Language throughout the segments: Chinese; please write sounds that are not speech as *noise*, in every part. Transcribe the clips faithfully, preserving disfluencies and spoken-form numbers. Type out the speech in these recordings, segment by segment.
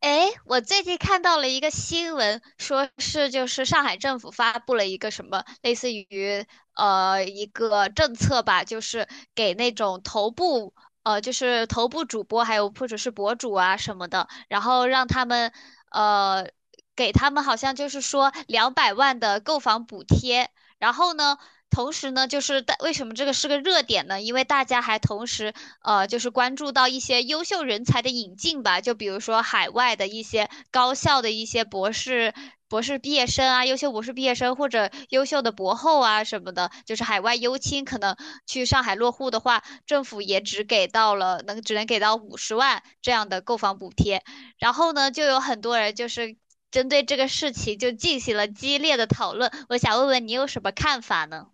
诶，我最近看到了一个新闻，说是就是上海政府发布了一个什么类似于呃一个政策吧，就是给那种头部呃就是头部主播还有或者是博主啊什么的，然后让他们呃给他们好像就是说两百万的购房补贴，然后呢。同时呢，就是大为什么这个是个热点呢？因为大家还同时呃，就是关注到一些优秀人才的引进吧，就比如说海外的一些高校的一些博士、博士毕业生啊，优秀博士毕业生或者优秀的博后啊什么的，就是海外优青，可能去上海落户的话，政府也只给到了能只能给到五十万这样的购房补贴，然后呢，就有很多人就是针对这个事情就进行了激烈的讨论，我想问问你有什么看法呢？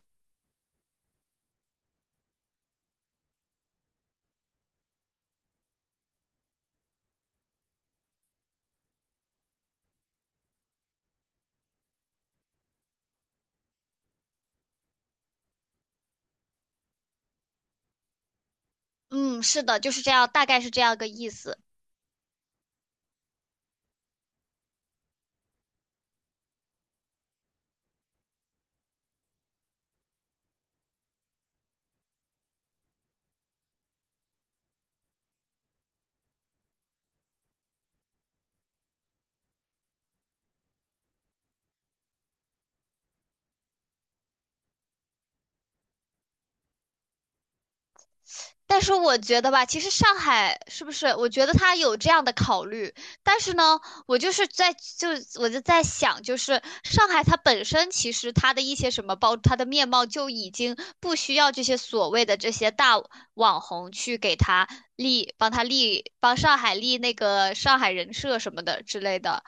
嗯，是的，就是这样，大概是这样个意思。但是我觉得吧，其实上海是不是？我觉得他有这样的考虑，但是呢，我就是在就我就在想，就是上海它本身其实它的一些什么包，它的面貌就已经不需要这些所谓的这些大网红去给他立，帮他立，帮上海立那个上海人设什么的之类的。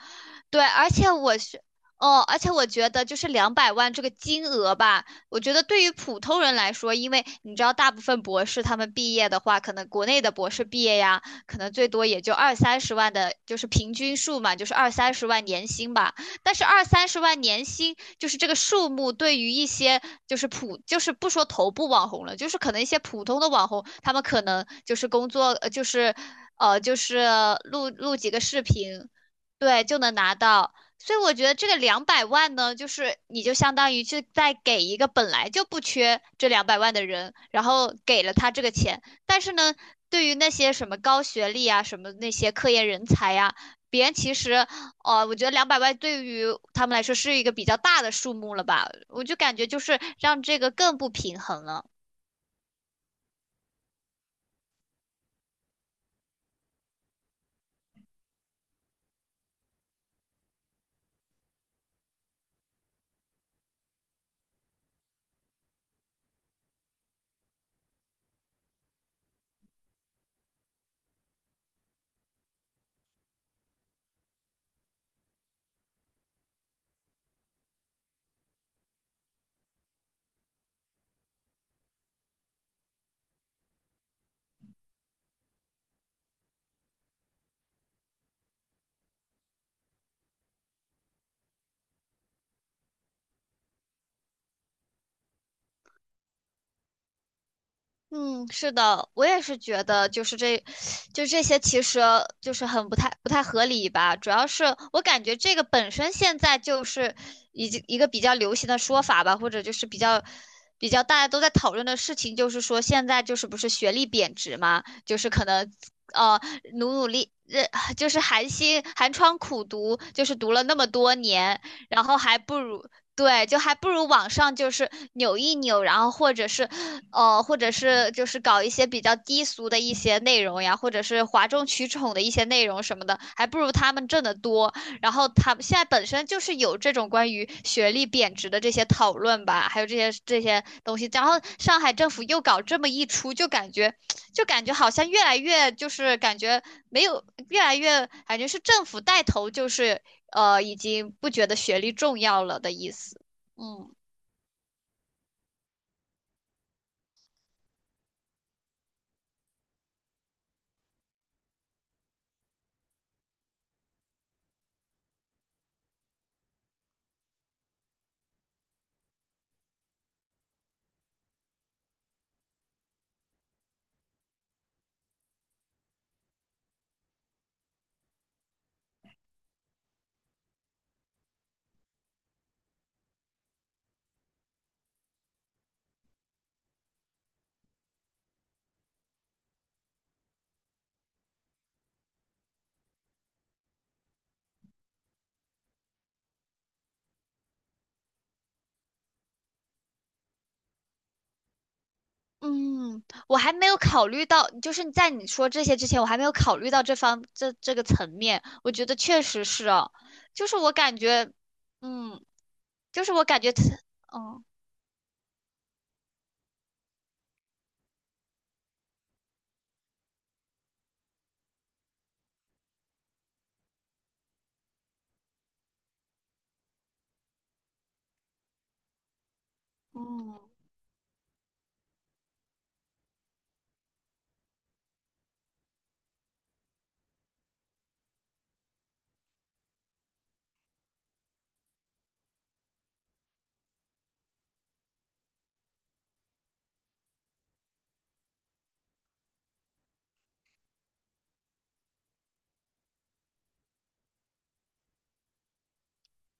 对，而且我是，哦，而且我觉得就是两百万这个金额吧，我觉得对于普通人来说，因为你知道，大部分博士他们毕业的话，可能国内的博士毕业呀，可能最多也就二三十万的，就是平均数嘛，就是二三十万年薪吧。但是二三十万年薪，就是这个数目，对于一些就是普，就是不说头部网红了，就是可能一些普通的网红，他们可能就是工作，呃，就是。呃，就是录录几个视频，对，就能拿到。所以我觉得这个两百万呢，就是你就相当于是在给一个本来就不缺这两百万的人，然后给了他这个钱。但是呢，对于那些什么高学历啊，什么那些科研人才呀、别人其实，呃，我觉得两百万对于他们来说是一个比较大的数目了吧？我就感觉就是让这个更不平衡了。嗯，是的，我也是觉得，就是这，就这些，其实就是很不太不太合理吧。主要是我感觉这个本身现在就是已经一个比较流行的说法吧，或者就是比较比较大家都在讨论的事情，就是说现在就是不是学历贬值嘛，就是可能呃努努力，呃就是寒心寒窗苦读，就是读了那么多年，然后还不如。对，就还不如网上就是扭一扭，然后或者是，呃，或者是就是搞一些比较低俗的一些内容呀，或者是哗众取宠的一些内容什么的，还不如他们挣得多。然后他们现在本身就是有这种关于学历贬值的这些讨论吧，还有这些这些东西。然后上海政府又搞这么一出，就感觉就感觉好像越来越就是感觉没有越来越感觉是政府带头，就是呃已经不觉得学历重要了的意思。嗯嗯，我还没有考虑到，就是在你说这些之前，我还没有考虑到这方这这个层面。我觉得确实是哦，就是我感觉，嗯，就是我感觉，嗯嗯。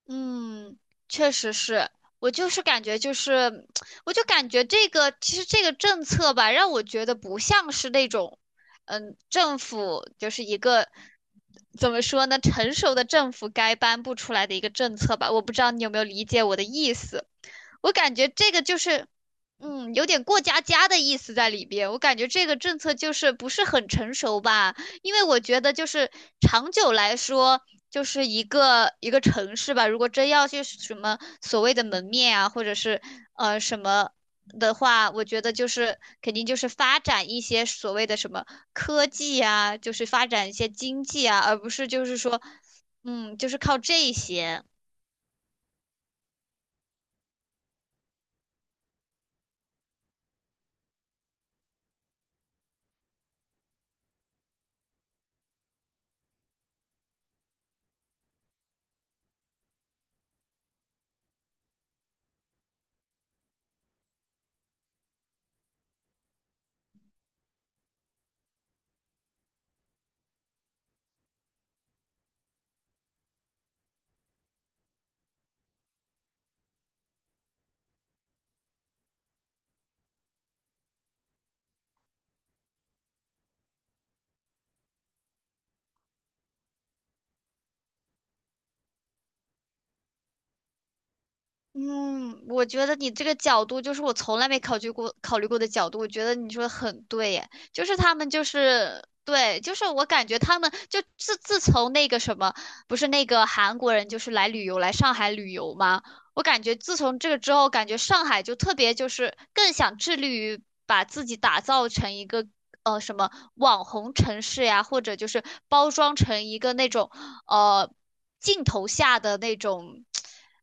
嗯，确实是，我就是感觉就是，我就感觉这个其实这个政策吧，让我觉得不像是那种，嗯，政府就是一个怎么说呢，成熟的政府该颁布出来的一个政策吧，我不知道你有没有理解我的意思。我感觉这个就是，嗯，有点过家家的意思在里边。我感觉这个政策就是不是很成熟吧，因为我觉得就是长久来说，就是一个一个城市吧，如果真要去什么所谓的门面啊，或者是呃什么的话，我觉得就是肯定就是发展一些所谓的什么科技啊，就是发展一些经济啊，而不是就是说，嗯，就是靠这些。嗯，我觉得你这个角度就是我从来没考虑过考虑过的角度，我觉得你说的很对耶，就是他们就是对，就是我感觉他们就自自从那个什么，不是那个韩国人就是来旅游来上海旅游吗？我感觉自从这个之后，感觉上海就特别就是更想致力于把自己打造成一个呃什么网红城市呀，或者就是包装成一个那种呃镜头下的那种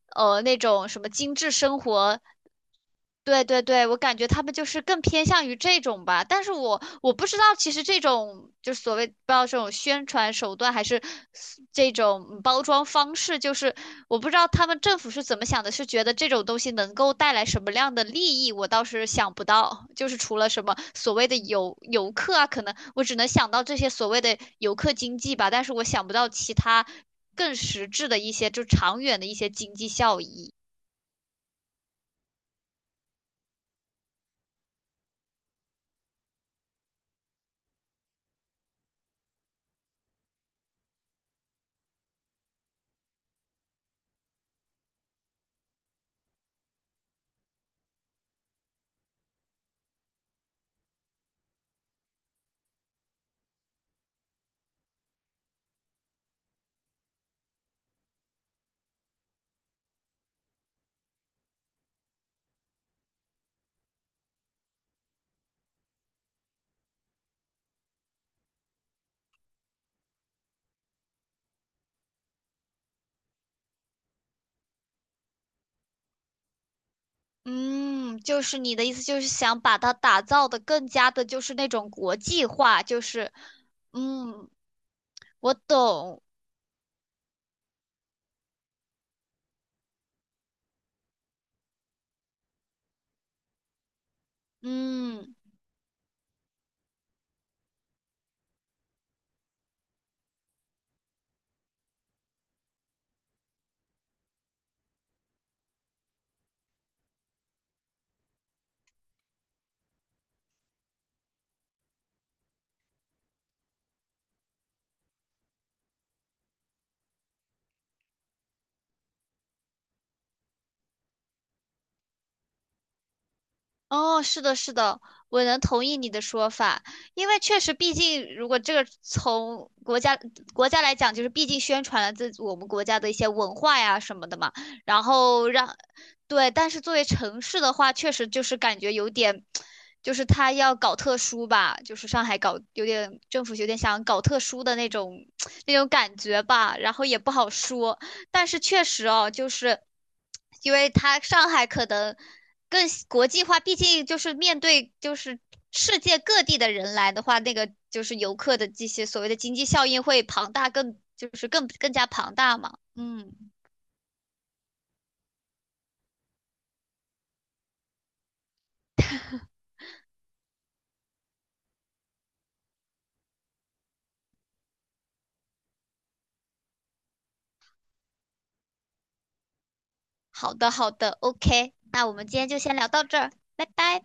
呃那种什么精致生活。对对对，我感觉他们就是更偏向于这种吧，但是我我不知道，其实这种就是所谓不知道这种宣传手段还是这种包装方式，就是我不知道他们政府是怎么想的，是觉得这种东西能够带来什么样的利益，我倒是想不到，就是除了什么所谓的游游客啊，可能我只能想到这些所谓的游客经济吧，但是我想不到其他更实质的一些就长远的一些经济效益。嗯，就是你的意思就是想把它打造的更加的，就是那种国际化，就是，嗯，我懂，嗯。哦，是的，是的，我能同意你的说法，因为确实，毕竟如果这个从国家国家来讲，就是毕竟宣传了自我们国家的一些文化呀什么的嘛，然后让，对，但是作为城市的话，确实就是感觉有点，就是他要搞特殊吧，就是上海搞有点政府有点想搞特殊的那种 *tsk* 那种感觉吧，然后也不好说，但是确实哦，就是因为他上海可能。更国际化，毕竟就是面对就是世界各地的人来的话，那个就是游客的这些所谓的经济效应会庞大更，就是更更加庞大嘛。嗯，好的好的，OK，那我们今天就先聊到这儿，拜拜。